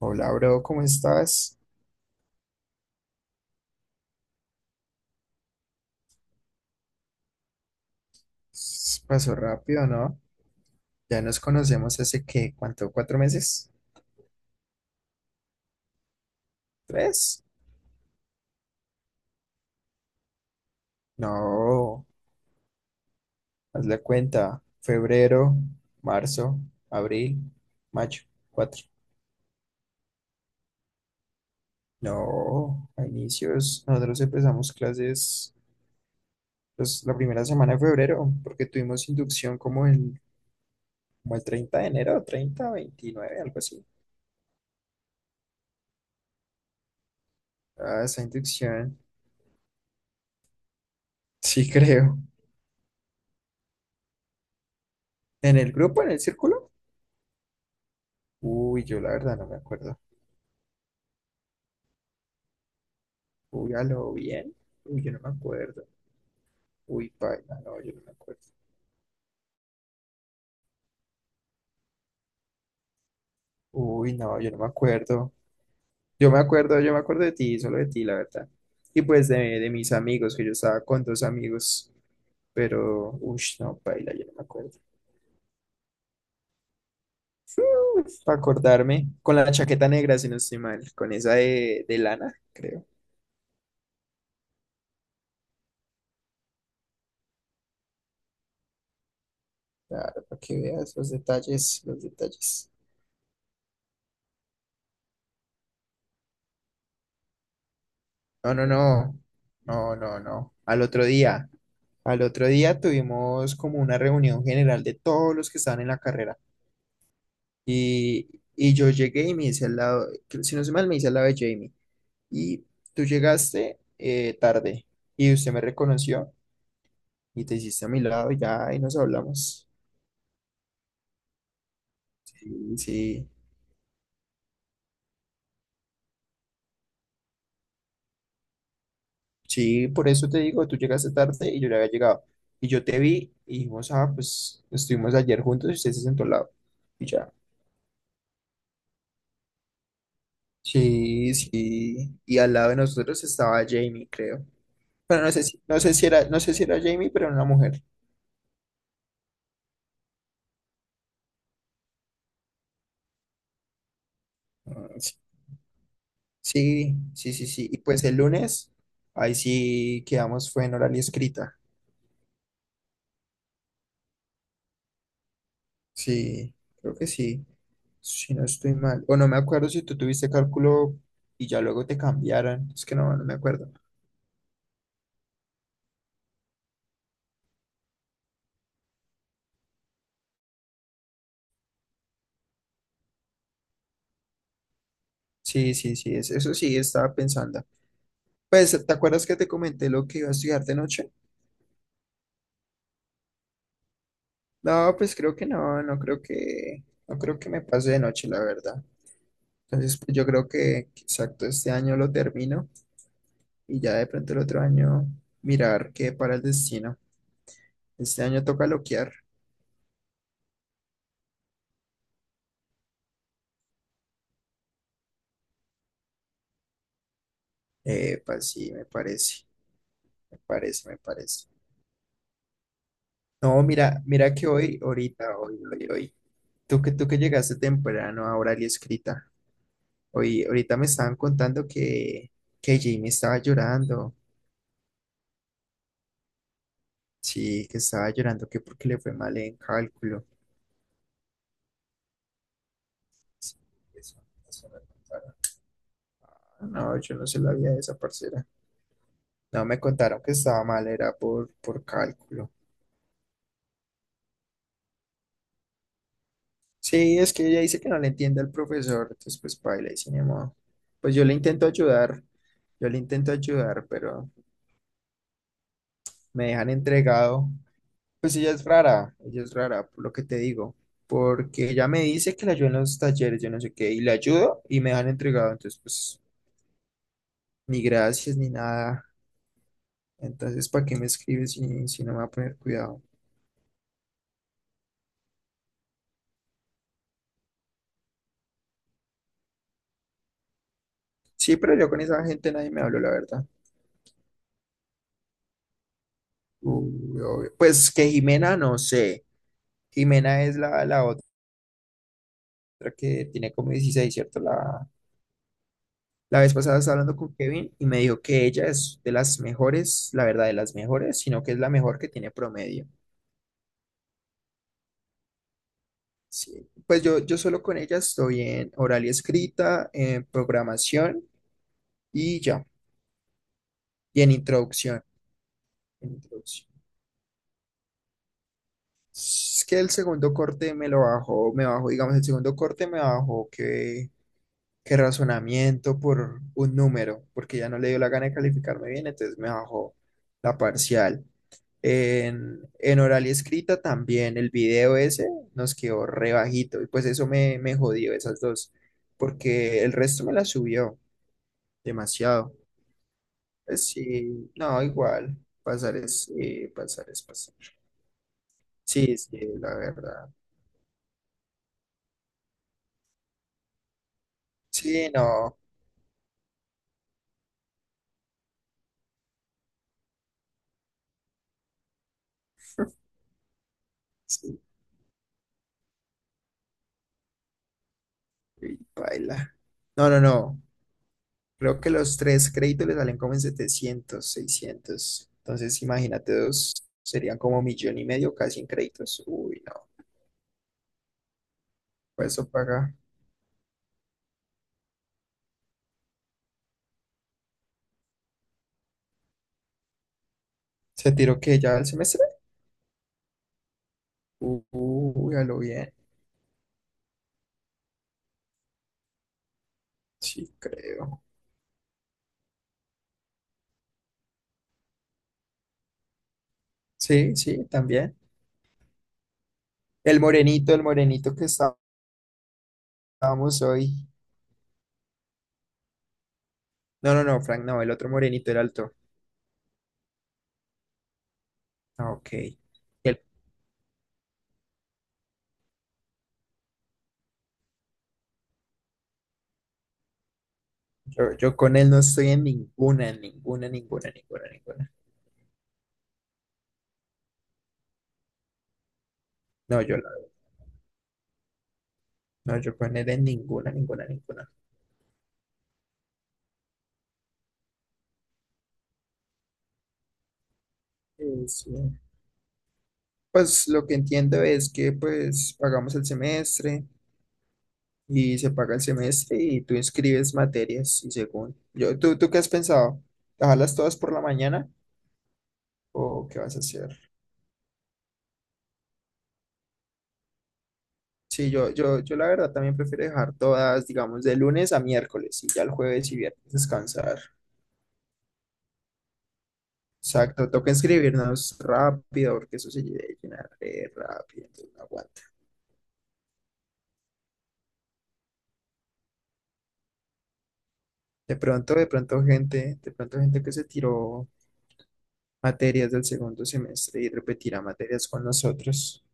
Hola, bro, ¿cómo estás? Pasó rápido, ¿no? ¿Ya nos conocemos hace qué? ¿Cuánto? ¿4 meses? ¿Tres? No, haz la cuenta. Febrero, marzo, abril, mayo, cuatro. No, a inicios. Nosotros empezamos clases, pues, la primera semana de febrero, porque tuvimos inducción como el 30 de enero, 30, 29 algo así. Ah, esa inducción. Sí, creo. ¿En el grupo, en el círculo? Uy, yo la verdad no me acuerdo. Uy, a lo bien. Uy, yo no me acuerdo. Uy, paila, no, yo no me acuerdo. Uy, no, yo no me acuerdo. Yo me acuerdo, yo me acuerdo de ti, solo de ti, la verdad. Y pues de mis amigos, que yo estaba con dos amigos, pero, uy, no, paila, yo no me acuerdo. Para acordarme, con la chaqueta negra, si no estoy mal, con esa de lana, creo. Claro, para que veas los detalles, los detalles. No, no, no, no, no, no. Al otro día tuvimos como una reunión general de todos los que estaban en la carrera. Y, y yo llegué y me hice al lado, si no se mal, me hice al lado de Jamie. Y tú llegaste tarde y usted me reconoció y te hiciste a mi lado y ya, y nos hablamos. Sí, sí, sí, por eso te digo, tú llegaste tarde y yo ya había llegado. Y yo te vi y dijimos, ah, pues estuvimos ayer juntos y usted se sentó al lado. Y ya. Sí, sí. Y al lado de nosotros estaba Jamie, creo. Pero no sé si, no sé si era, no sé si era Jamie, pero era una mujer. Ah, sí, sí, sí, sí, sí. Y pues el lunes, ahí sí quedamos, fue en oral y escrita. Sí, creo que sí. Si no estoy mal. O no me acuerdo si tú tuviste cálculo y ya luego te cambiaron. Es que no me acuerdo. Sí, sí, sí, eso sí estaba pensando. Pues, ¿te acuerdas que te comenté lo que iba a estudiar de noche? No, pues creo que no, no creo que, no creo que me pase de noche, la verdad. Entonces, pues yo creo que exacto este año lo termino, y ya de pronto el otro año mirar qué para el destino. Este año toca loquear. Pues sí, me parece, me parece, me parece. No, mira, mira que hoy, ahorita, hoy, hoy, hoy, tú que llegaste temprano a Oral y Escrita, hoy, ahorita me estaban contando que Jimmy estaba llorando, sí, que estaba llorando, que porque le fue mal en cálculo. Sí, eso, eso me contaron. Ah, no, yo no se la había de esa parcera. No, me contaron que estaba mal, era por cálculo. Sí, es que ella dice que no le entiende al profesor, entonces pues paila y sin ni modo. Pues yo le intento ayudar, yo le intento ayudar, pero me dejan entregado. Pues ella es rara, por lo que te digo, porque ella me dice que la ayuda en los talleres, yo no sé qué, y la ayudo y me dejan entregado, entonces pues ni gracias ni nada. Entonces, ¿para qué me escribes si no me va a poner cuidado? Sí, pero yo con esa gente nadie me habló, la verdad. Uy, obvio. Pues que Jimena, no sé. Jimena es la otra que tiene como 16, ¿cierto? La vez pasada estaba hablando con Kevin y me dijo que ella es de las mejores, la verdad, de las mejores, sino que es la mejor que tiene promedio. Sí. Pues yo solo con ella estoy en oral y escrita, en programación y ya. Y en introducción. En introducción. Es que el segundo corte me lo bajó, me bajó, digamos, el segundo corte me bajó que razonamiento por un número, porque ya no le dio la gana de calificarme bien, entonces me bajó la parcial. En oral y escrita también el video ese nos quedó re bajito, y pues eso me jodió esas dos, porque el resto me la subió demasiado. Pues sí, no, igual, pasar es pasar es pasar. Sí, sí, la verdad. Sí, no, sí, y baila. No, no, no. Creo que los tres créditos le salen como en 700, 600. Entonces, imagínate dos, serían como millón y medio casi en créditos. Uy, no, pues eso paga. ¿Se tiró que ya el semestre? Uy, a lo bien. Sí, creo. Sí, sí, también. El morenito que estábamos hoy. No, no, no, Frank, no, el otro morenito, el alto. Ah, ok. El- yo con él no estoy en ninguna, ninguna, ninguna, ninguna. No, no, yo con él en ninguna, ninguna, ninguna. Sí. Pues lo que entiendo es que pues pagamos el semestre y se paga el semestre y tú inscribes materias y según yo, tú qué has pensado? ¿Dejarlas todas por la mañana o qué vas a hacer? Sí, yo la verdad también prefiero dejar todas, digamos, de lunes a miércoles y ya el jueves y viernes descansar. Exacto, toca inscribirnos rápido porque eso se llena re rápido, entonces no aguanta. De pronto gente que se tiró materias del segundo semestre y repetirá materias con nosotros,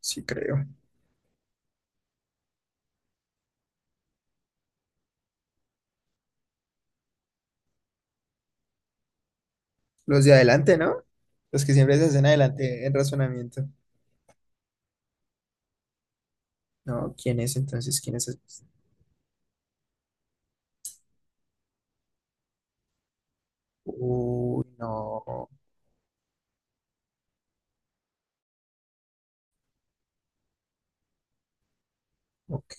sí creo. Los de adelante, ¿no? Los que siempre se hacen adelante en razonamiento. No, ¿quién es entonces? ¿Quién es? Uy, no, ok.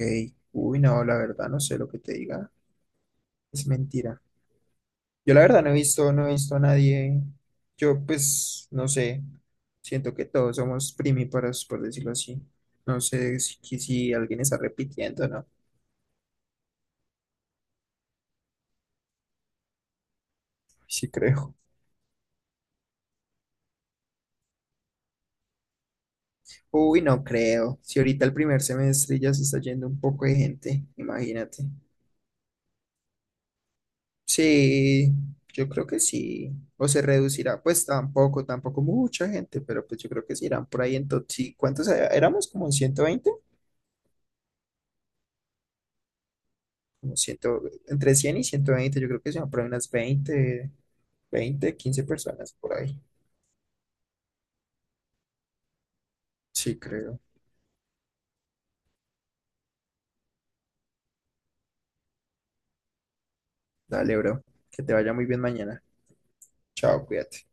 Uy, no, la verdad no sé lo que te diga. Es mentira. Yo la verdad no he visto, no he visto a nadie. Yo pues no sé. Siento que todos somos primíparos, por decirlo así. No sé si alguien está repitiendo, ¿no? Sí creo. Uy, no creo. Si ahorita el primer semestre ya se está yendo un poco de gente, imagínate. Sí, yo creo que sí. O se reducirá, pues tampoco, tampoco mucha gente, pero pues yo creo que sí irán por ahí sí, ¿cuántos éramos? ¿Como 120? Como 100, entre 100 y 120, yo creo que se van por ahí unas 20, 20, 15 personas por ahí. Sí, creo. Dale, bro. Que te vaya muy bien mañana. Chao, cuídate.